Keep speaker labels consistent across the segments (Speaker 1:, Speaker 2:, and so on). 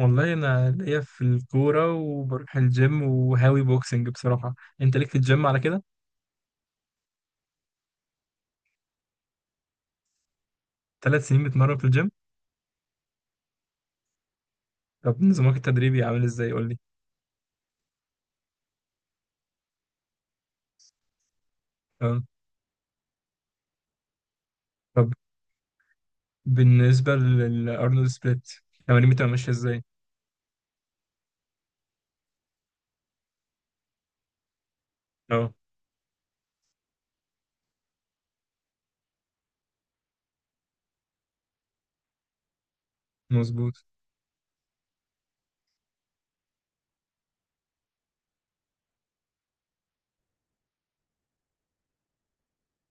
Speaker 1: والله انا ليا في الكوره وبروح الجيم وهاوي بوكسنج بصراحه. انت ليك في الجيم على كده؟ 3 سنين بتمرن في الجيم؟ طب نظامك التدريبي عامل ازاي، قول لي. تمام. طب بالنسبه للارنولد سبليت، تمارين بتبقى ماشيه ازاي؟ اه، مظبوط.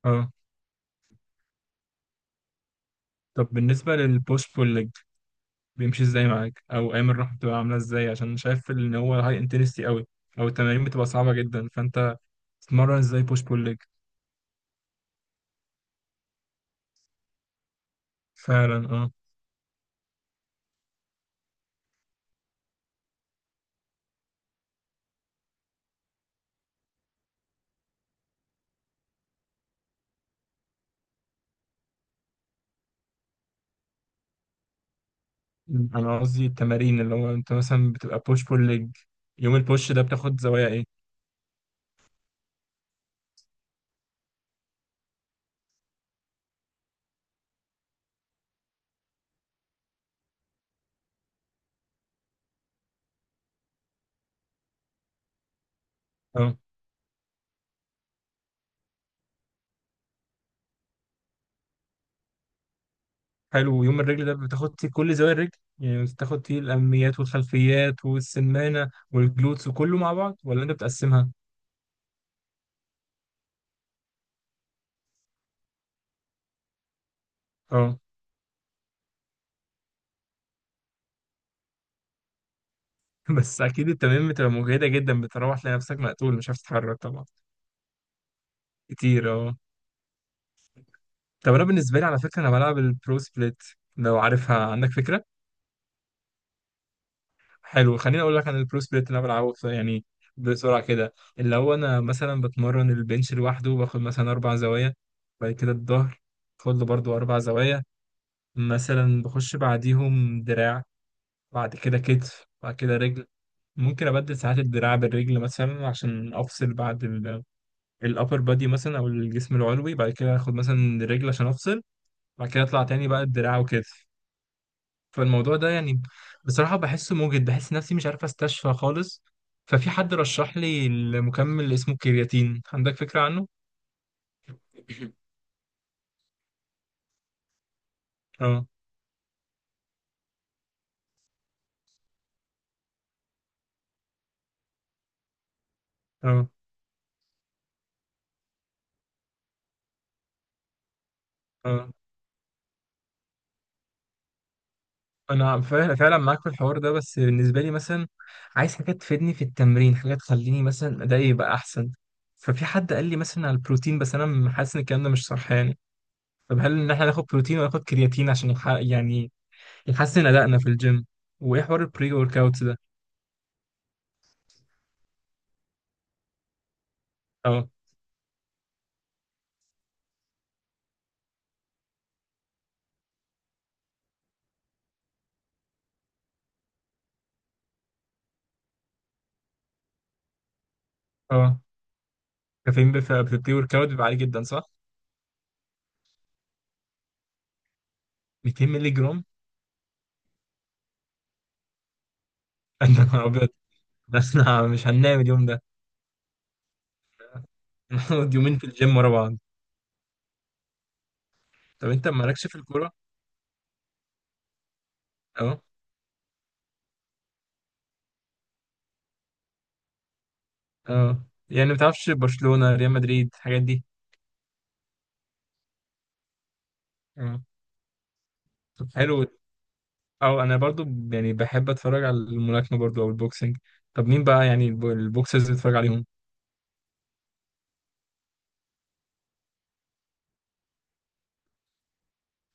Speaker 1: اه. طب بالنسبه للبوش بول ليج، بيمشي ازاي معاك، او ايام الراحه بتبقى عامله ازاي؟ عشان شايف ان هو هاي انتنستي قوي او التمارين بتبقى صعبه جدا، فانت تتمرن ازاي بوش بول ليج؟ فعلا اه. مم. انا قصدي التمارين، اللي هو انت مثلا بتبقى بوش بول ليج، يوم البوش ده بتاخد زوايا ايه؟ اه. حلو، يوم الرجل ده بتاخد فيه كل زوايا الرجل؟ يعني بتاخد فيه الاماميات والخلفيات والسمانه والجلوتس وكله مع بعض، ولا انت بتقسمها؟ اه. بس اكيد التمارين بتبقى مجهده جدا، بتروح تلاقي نفسك مقتول، مش عارف تتحرك طبعا. كتير اه. طب انا بالنسبه لي، على فكره، انا بلعب البرو سبليت، لو عارفها عندك فكره. حلو، خليني اقول لك عن البرو سبليت اللي انا بلعبه يعني بسرعه كده. اللي هو انا مثلا بتمرن البنش لوحده، باخد مثلا 4 زوايا. بعد كده الظهر، باخد له برضه 4 زوايا. مثلا بخش بعديهم دراع، بعد كده كتف، بعد كده رجل. ممكن ابدل ساعات الدراع بالرجل مثلا عشان افصل بعد الابر بادي مثلا، او الجسم العلوي، بعد كده اخد مثلا الرجل عشان افصل، بعد كده اطلع تاني بقى الدراع وكده. فالموضوع ده يعني بصراحة بحسه موجد، بحس نفسي مش عارف استشفى خالص. ففي حد رشح لي المكمل اسمه كرياتين، عندك فكرة عنه؟ اه. اه. اه، انا فعلا فعلا معاك في الحوار ده، بس بالنسبة لي مثلا عايز حاجة تفيدني في التمرين، حاجة تخليني مثلا ادائي يبقى احسن. ففي حد قال لي مثلا على البروتين، بس انا حاسس ان الكلام ده مش صح يعني. طب هل ان احنا ناخد بروتين ولا ناخد كرياتين عشان يعني يحسن ادائنا في الجيم؟ وايه حوار البري ورك اوت ده؟ اه. اه. كافيين في البري ورك اوت بيبقى عالي جدا، صح؟ 200 مللي جرام. يا نهار ابيض. بس انا مش هننام اليوم ده. هنقعد يومين في الجيم ورا بعض. طب انت مالكش في الكوره؟ اه. اه، يعني ما بتعرفش برشلونه، ريال مدريد، الحاجات دي؟ اه. طب حلو. اه، انا برضو يعني بحب اتفرج على الملاكمه برضو، او البوكسنج. طب مين بقى يعني البوكسرز اللي بتتفرج عليهم؟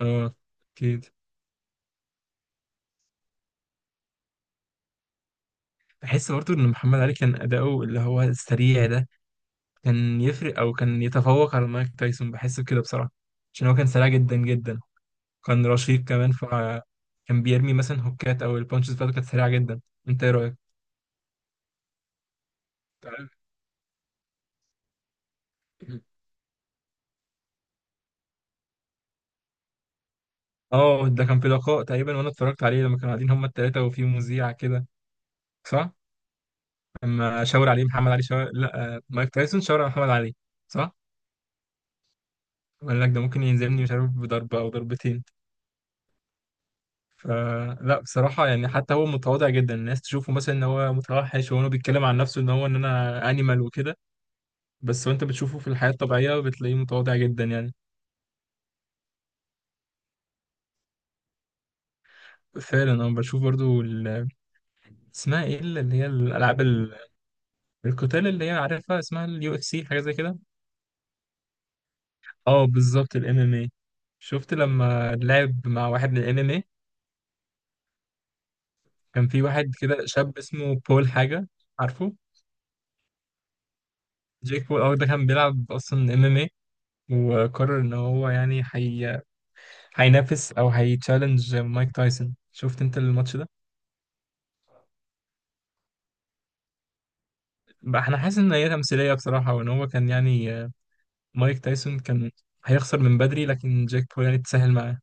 Speaker 1: اه. اكيد. بحس برضو ان محمد علي كان اداؤه اللي هو السريع ده كان يفرق، او كان يتفوق على مايك تايسون، بحس بكده بصراحه. عشان هو كان سريع جدا جدا، كان رشيق كمان، فكان بيرمي مثلا هوكات، او البانشز بتاعته كانت سريعه جدا. انت ايه رايك؟ تعرف، اه، ده كان في لقاء تقريبا، وانا اتفرجت عليه لما كانوا قاعدين هما التلاته وفي مذيع كده. صح؟ لما شاور عليه محمد علي، شاور، لا مايك تايسون شاور على محمد علي. صح؟ وقال لك ده ممكن ينزلني، مش عارف، بضربه او ضربتين. فلا بصراحه، يعني حتى هو متواضع جدا، الناس تشوفه مثلا ان هو متوحش، وهو بيتكلم عن نفسه ان هو، ان انا انيمال وكده. بس وانت بتشوفه في الحياه الطبيعيه بتلاقيه متواضع جدا يعني. فعلا انا بشوف برضو. اسمها ايه اللي هي الالعاب القتال، اللي هي عارفها اسمها اليو اف سي، حاجه زي كده. اه، بالظبط الام ام اي. شفت لما لعب مع واحد من الام ام اي؟ كان في واحد كده شاب اسمه بول حاجه، عارفه؟ جيك بول اه، ده كان بيلعب اصلا ام ام اي، وقرر ان هو يعني هينافس او هيتشالنج مايك تايسون. شفت انت الماتش ده؟ بقى احنا حاسس ان هي تمثيليه بصراحه، وان هو كان يعني مايك تايسون كان هيخسر من بدري، لكن جيك بول يعني اتسهل معاه.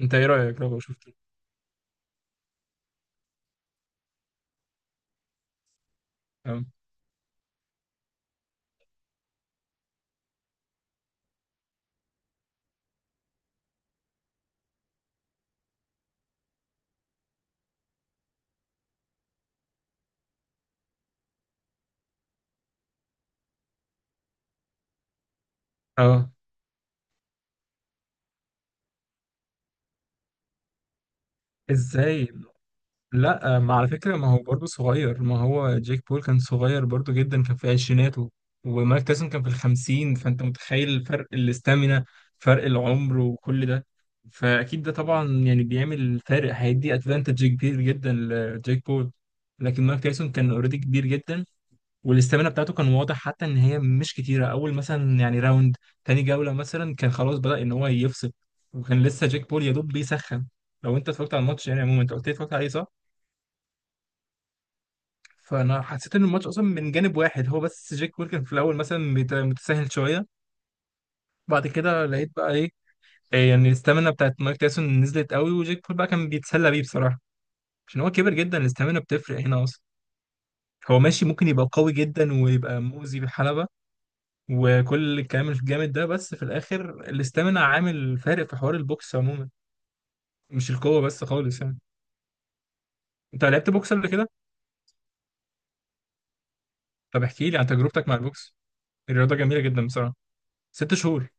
Speaker 1: انت ايه رايك لو شفته؟ اه. ازاي؟ لا، ما على فكره ما هو برضه صغير، ما هو جيك بول كان صغير برضه جدا، كان في عشريناته، ومايك تايسون كان في الخمسين. فانت متخيل فرق الاستامينا، فرق العمر وكل ده؟ فاكيد ده طبعا يعني بيعمل فارق، هيدي ادفانتج كبير جدا لجيك بول. لكن مايك تايسون كان اوريدي كبير جدا، والاستامينا بتاعته كان واضح حتى ان هي مش كتيره. اول مثلا يعني راوند، تاني جوله مثلا، كان خلاص بدأ ان هو يفصل، وكان لسه جيك بول يا دوب بيسخن. لو انت اتفرجت على الماتش يعني عموما، انت قلت لي اتفرجت عليه، صح؟ فانا حسيت ان الماتش اصلا من جانب واحد، هو بس جيك بول كان في الاول مثلا متساهل شويه. بعد كده لقيت بقى ايه؟ إيه يعني الاستامينا بتاعت مايك تايسون نزلت قوي، وجيك بول بقى كان بيتسلى بيه بصراحه. عشان هو كبر جدا، الاستامينا بتفرق هنا اصلا. هو ماشي ممكن يبقى قوي جدا ويبقى مؤذي بالحلبة، وكل الكلام الجامد ده، بس في الاخر الاستامينا عامل فارق في حوار البوكس عموما، مش القوه بس خالص يعني. انت لعبت بوكس قبل كده؟ طب احكي لي عن تجربتك مع البوكس، الرياضه جميله جدا بصراحه. 6 شهور؟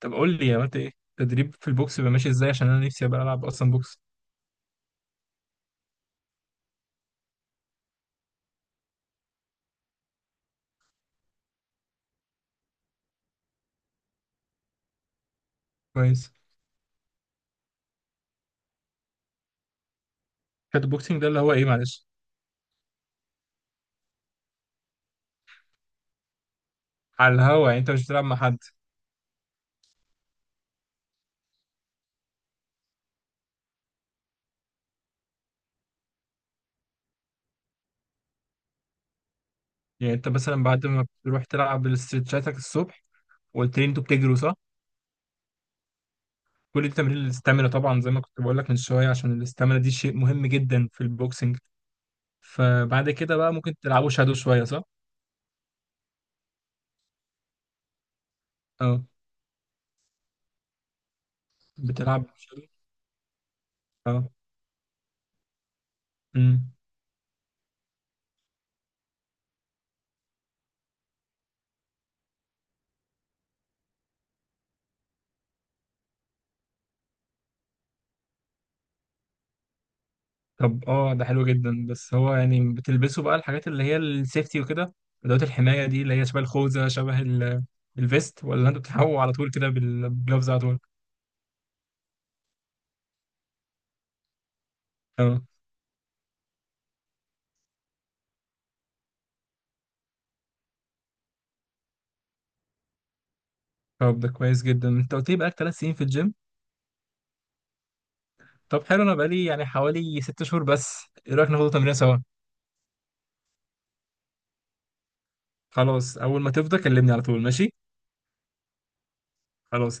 Speaker 1: طب قول لي عملت ايه. تدريب في البوكس بيبقى ماشي ازاي؟ عشان انا نفسي ابقى العب اصلا بوكس. كويس. كات بوكسنج ده اللي هو ايه، معلش؟ على الهوا، يعني انت مش بتلعب مع حد؟ يعني انت مثلا بعد ما بتروح تلعب الاسترتشاتك الصبح، وقلت لي انتوا بتجروا، صح؟ كل دي تمرين الاستامينا طبعا، زي ما كنت بقول لك من شويه، عشان الاستامينا دي شيء مهم جدا في البوكسنج. فبعد كده بقى ممكن تلعبوا شادو شوية، صح؟ اه. بتلعب شادو. اه. امم. طب اه ده حلو جدا، بس هو يعني بتلبسوا بقى الحاجات اللي هي السيفتي وكده، ادوات الحماية دي، اللي هي شبه الخوذة، شبه الفيست، ولا انتوا بتلعبوا على طول كده بالجلوفز على طول؟ اه. طب ده كويس جدا، انت قلت لي بقالك 3 سنين في الجيم. طب حلو، انا بقالي يعني حوالي 6 شهور بس. ايه رايك ناخد تمرين سوا؟ خلاص، اول ما تفضى كلمني على طول، ماشي؟ خلاص.